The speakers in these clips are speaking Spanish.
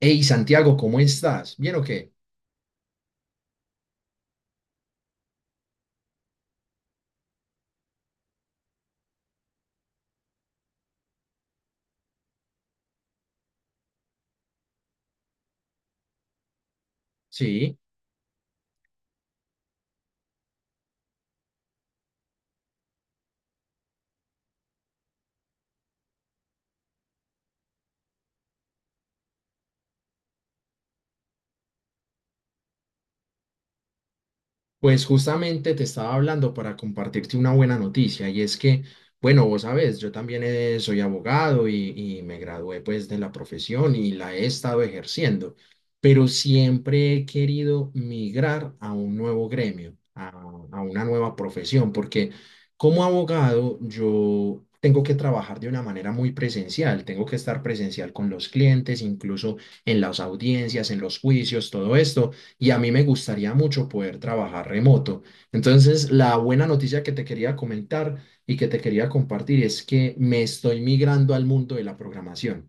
Hey Santiago, ¿cómo estás? ¿Bien o qué? Sí. Pues justamente te estaba hablando para compartirte una buena noticia y es que, bueno, vos sabes, yo también soy abogado y me gradué pues de la profesión y la he estado ejerciendo, pero siempre he querido migrar a un nuevo gremio, a una nueva profesión, porque como abogado yo tengo que trabajar de una manera muy presencial, tengo que estar presencial con los clientes, incluso en las audiencias, en los juicios, todo esto y a mí me gustaría mucho poder trabajar remoto. Entonces, la buena noticia que te quería comentar y que te quería compartir es que me estoy migrando al mundo de la programación.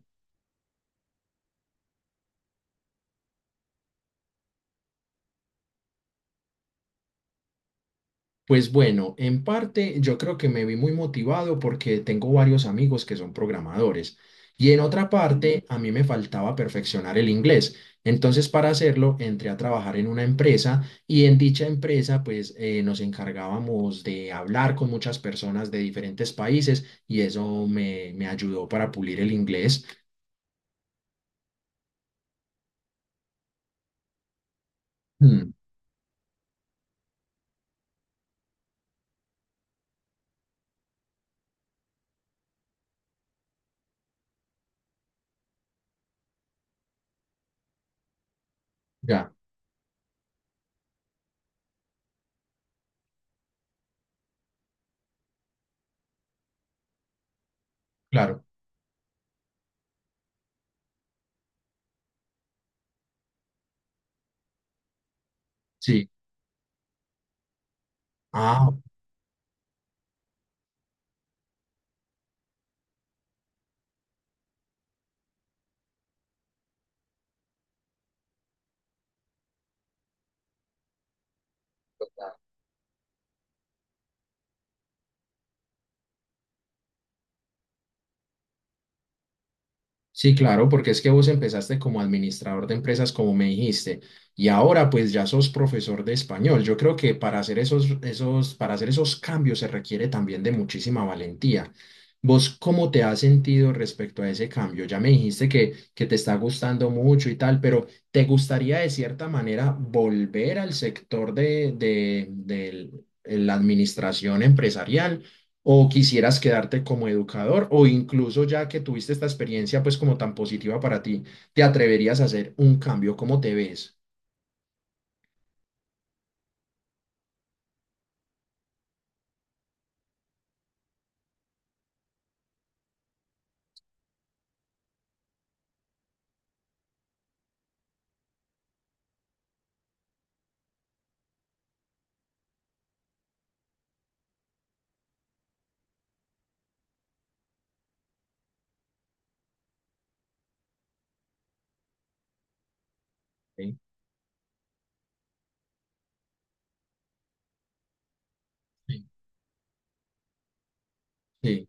Pues bueno, en parte yo creo que me vi muy motivado porque tengo varios amigos que son programadores y en otra parte a mí me faltaba perfeccionar el inglés. Entonces para hacerlo entré a trabajar en una empresa y en dicha empresa pues nos encargábamos de hablar con muchas personas de diferentes países y eso me ayudó para pulir el inglés. Mm, ya, claro, sí. Ah, sí, claro, porque es que vos empezaste como administrador de empresas, como me dijiste, y ahora pues ya sos profesor de español. Yo creo que para hacer para hacer esos cambios se requiere también de muchísima valentía. ¿Vos cómo te has sentido respecto a ese cambio? Ya me dijiste que te está gustando mucho y tal, pero ¿te gustaría de cierta manera volver al sector de la administración empresarial? ¿O quisieras quedarte como educador o incluso ya que tuviste esta experiencia pues como tan positiva para ti, te atreverías a hacer un cambio? ¿Cómo te ves? Ok. Sí. Sí,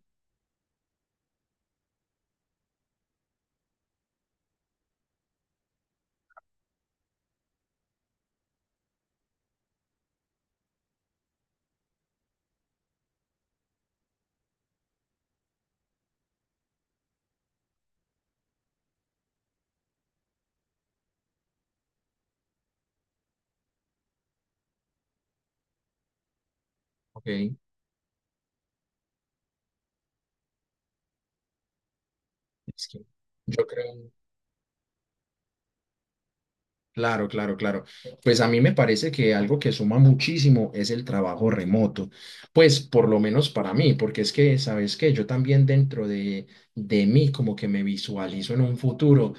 ok. Es que yo creo. Claro, claro, claro. Pues a mí me parece que algo que suma muchísimo es el trabajo remoto. Pues por lo menos para mí, porque es que, ¿sabes qué? Yo también dentro de mí como que me visualizo en un futuro,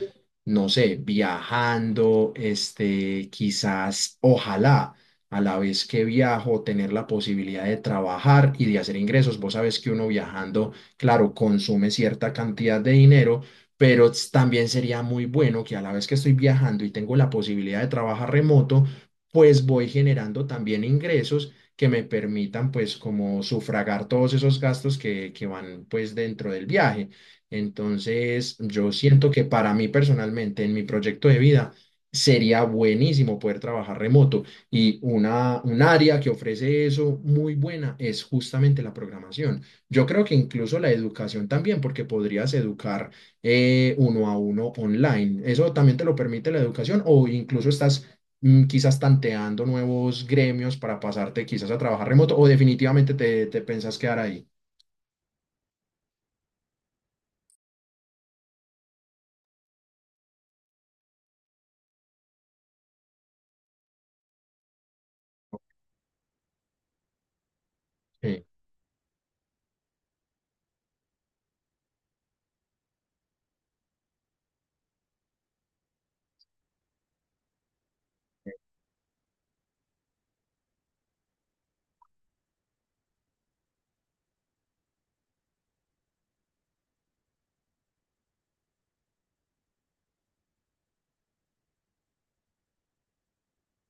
no sé, viajando, este, quizás, ojalá, a la vez que viajo, tener la posibilidad de trabajar y de hacer ingresos. Vos sabes que uno viajando, claro, consume cierta cantidad de dinero pero también sería muy bueno que a la vez que estoy viajando y tengo la posibilidad de trabajar remoto, pues voy generando también ingresos que me permitan pues como sufragar todos esos gastos que van pues dentro del viaje. Entonces, yo siento que para mí personalmente, en mi proyecto de vida, sería buenísimo poder trabajar remoto y un área que ofrece eso muy buena es justamente la programación. Yo creo que incluso la educación también, porque podrías educar uno a uno online. Eso también te lo permite la educación o incluso estás mm, quizás tanteando nuevos gremios para pasarte quizás a trabajar remoto o definitivamente te pensás quedar ahí. Sí.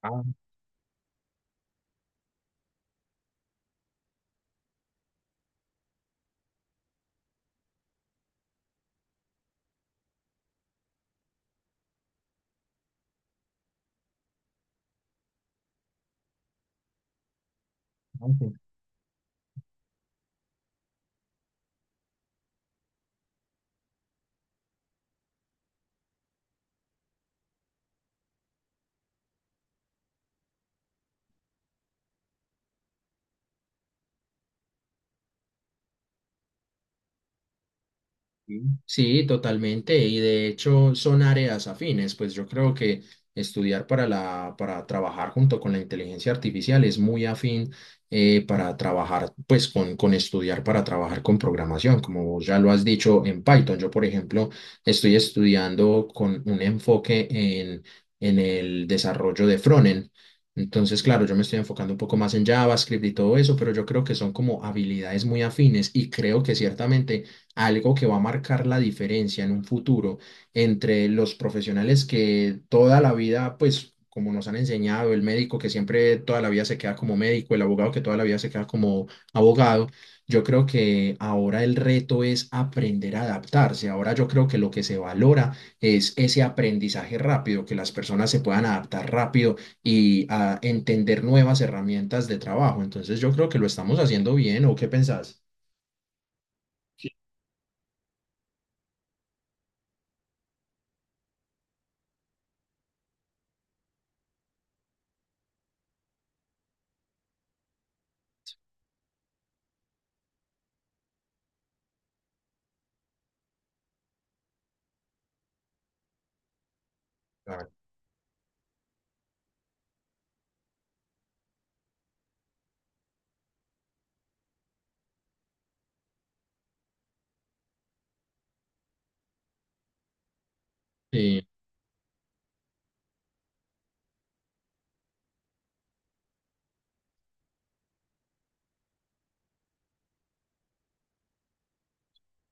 Ah, ok. Sí, sí, totalmente. Y de hecho son áreas afines. Pues yo creo que estudiar para para trabajar junto con la inteligencia artificial es muy afín para trabajar, pues con estudiar para trabajar con programación, como vos ya lo has dicho en Python. Yo, por ejemplo, estoy estudiando con un enfoque en el desarrollo de frontend. Entonces, claro, yo me estoy enfocando un poco más en JavaScript y todo eso, pero yo creo que son como habilidades muy afines y creo que ciertamente algo que va a marcar la diferencia en un futuro entre los profesionales que toda la vida, pues como nos han enseñado, el médico que siempre toda la vida se queda como médico, el abogado que toda la vida se queda como abogado, yo creo que ahora el reto es aprender a adaptarse. Ahora yo creo que lo que se valora es ese aprendizaje rápido, que las personas se puedan adaptar rápido y a entender nuevas herramientas de trabajo. Entonces yo creo que lo estamos haciendo bien, ¿o qué pensás? Claro. Sí.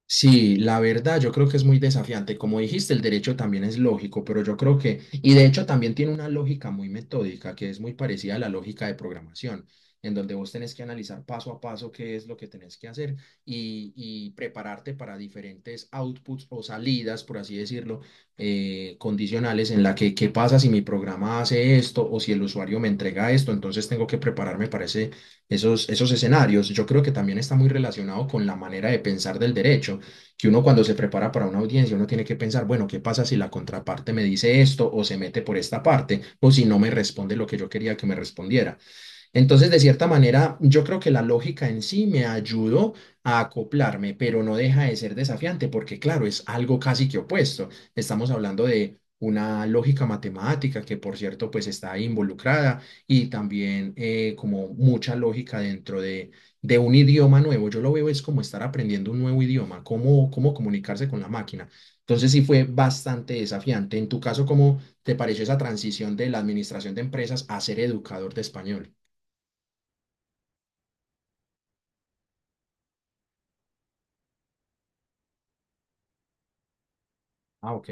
Sí, la verdad, yo creo que es muy desafiante. Como dijiste, el derecho también es lógico, pero yo creo que, y de hecho también tiene una lógica muy metódica, que es muy parecida a la lógica de programación, en donde vos tenés que analizar paso a paso qué es lo que tenés que hacer y prepararte para diferentes outputs o salidas, por así decirlo, condicionales en la que qué pasa si mi programa hace esto o si el usuario me entrega esto, entonces tengo que prepararme para esos escenarios. Yo creo que también está muy relacionado con la manera de pensar del derecho que uno cuando se prepara para una audiencia, uno tiene que pensar, bueno, ¿qué pasa si la contraparte me dice esto o se mete por esta parte o si no me responde lo que yo quería que me respondiera? Entonces, de cierta manera, yo creo que la lógica en sí me ayudó a acoplarme, pero no deja de ser desafiante porque, claro, es algo casi que opuesto. Estamos hablando de una lógica matemática que, por cierto, pues está ahí involucrada y también como mucha lógica dentro de un idioma nuevo. Yo lo veo es como estar aprendiendo un nuevo idioma, cómo comunicarse con la máquina. Entonces, sí fue bastante desafiante. En tu caso, ¿cómo te pareció esa transición de la administración de empresas a ser educador de español? Ah, ok.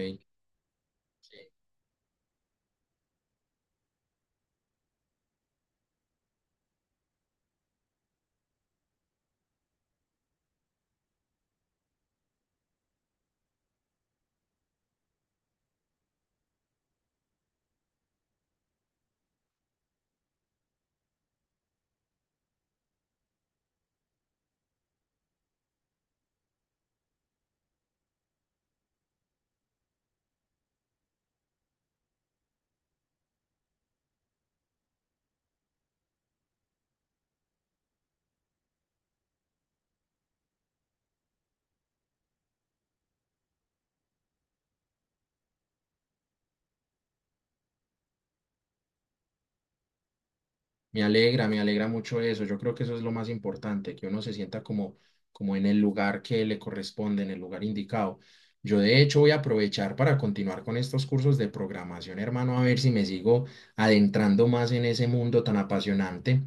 Me alegra mucho eso. Yo creo que eso es lo más importante, que uno se sienta como, como en el lugar que le corresponde, en el lugar indicado. Yo de hecho voy a aprovechar para continuar con estos cursos de programación, hermano, a ver si me sigo adentrando más en ese mundo tan apasionante.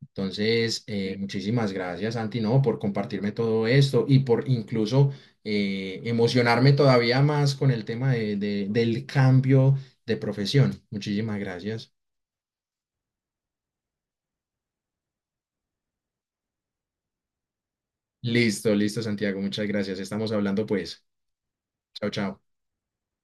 Entonces, muchísimas gracias, Santi, no, por compartirme todo esto y por incluso emocionarme todavía más con el tema del cambio de profesión. Muchísimas gracias. Listo, listo, Santiago. Muchas gracias. Estamos hablando pues. Chao, chao.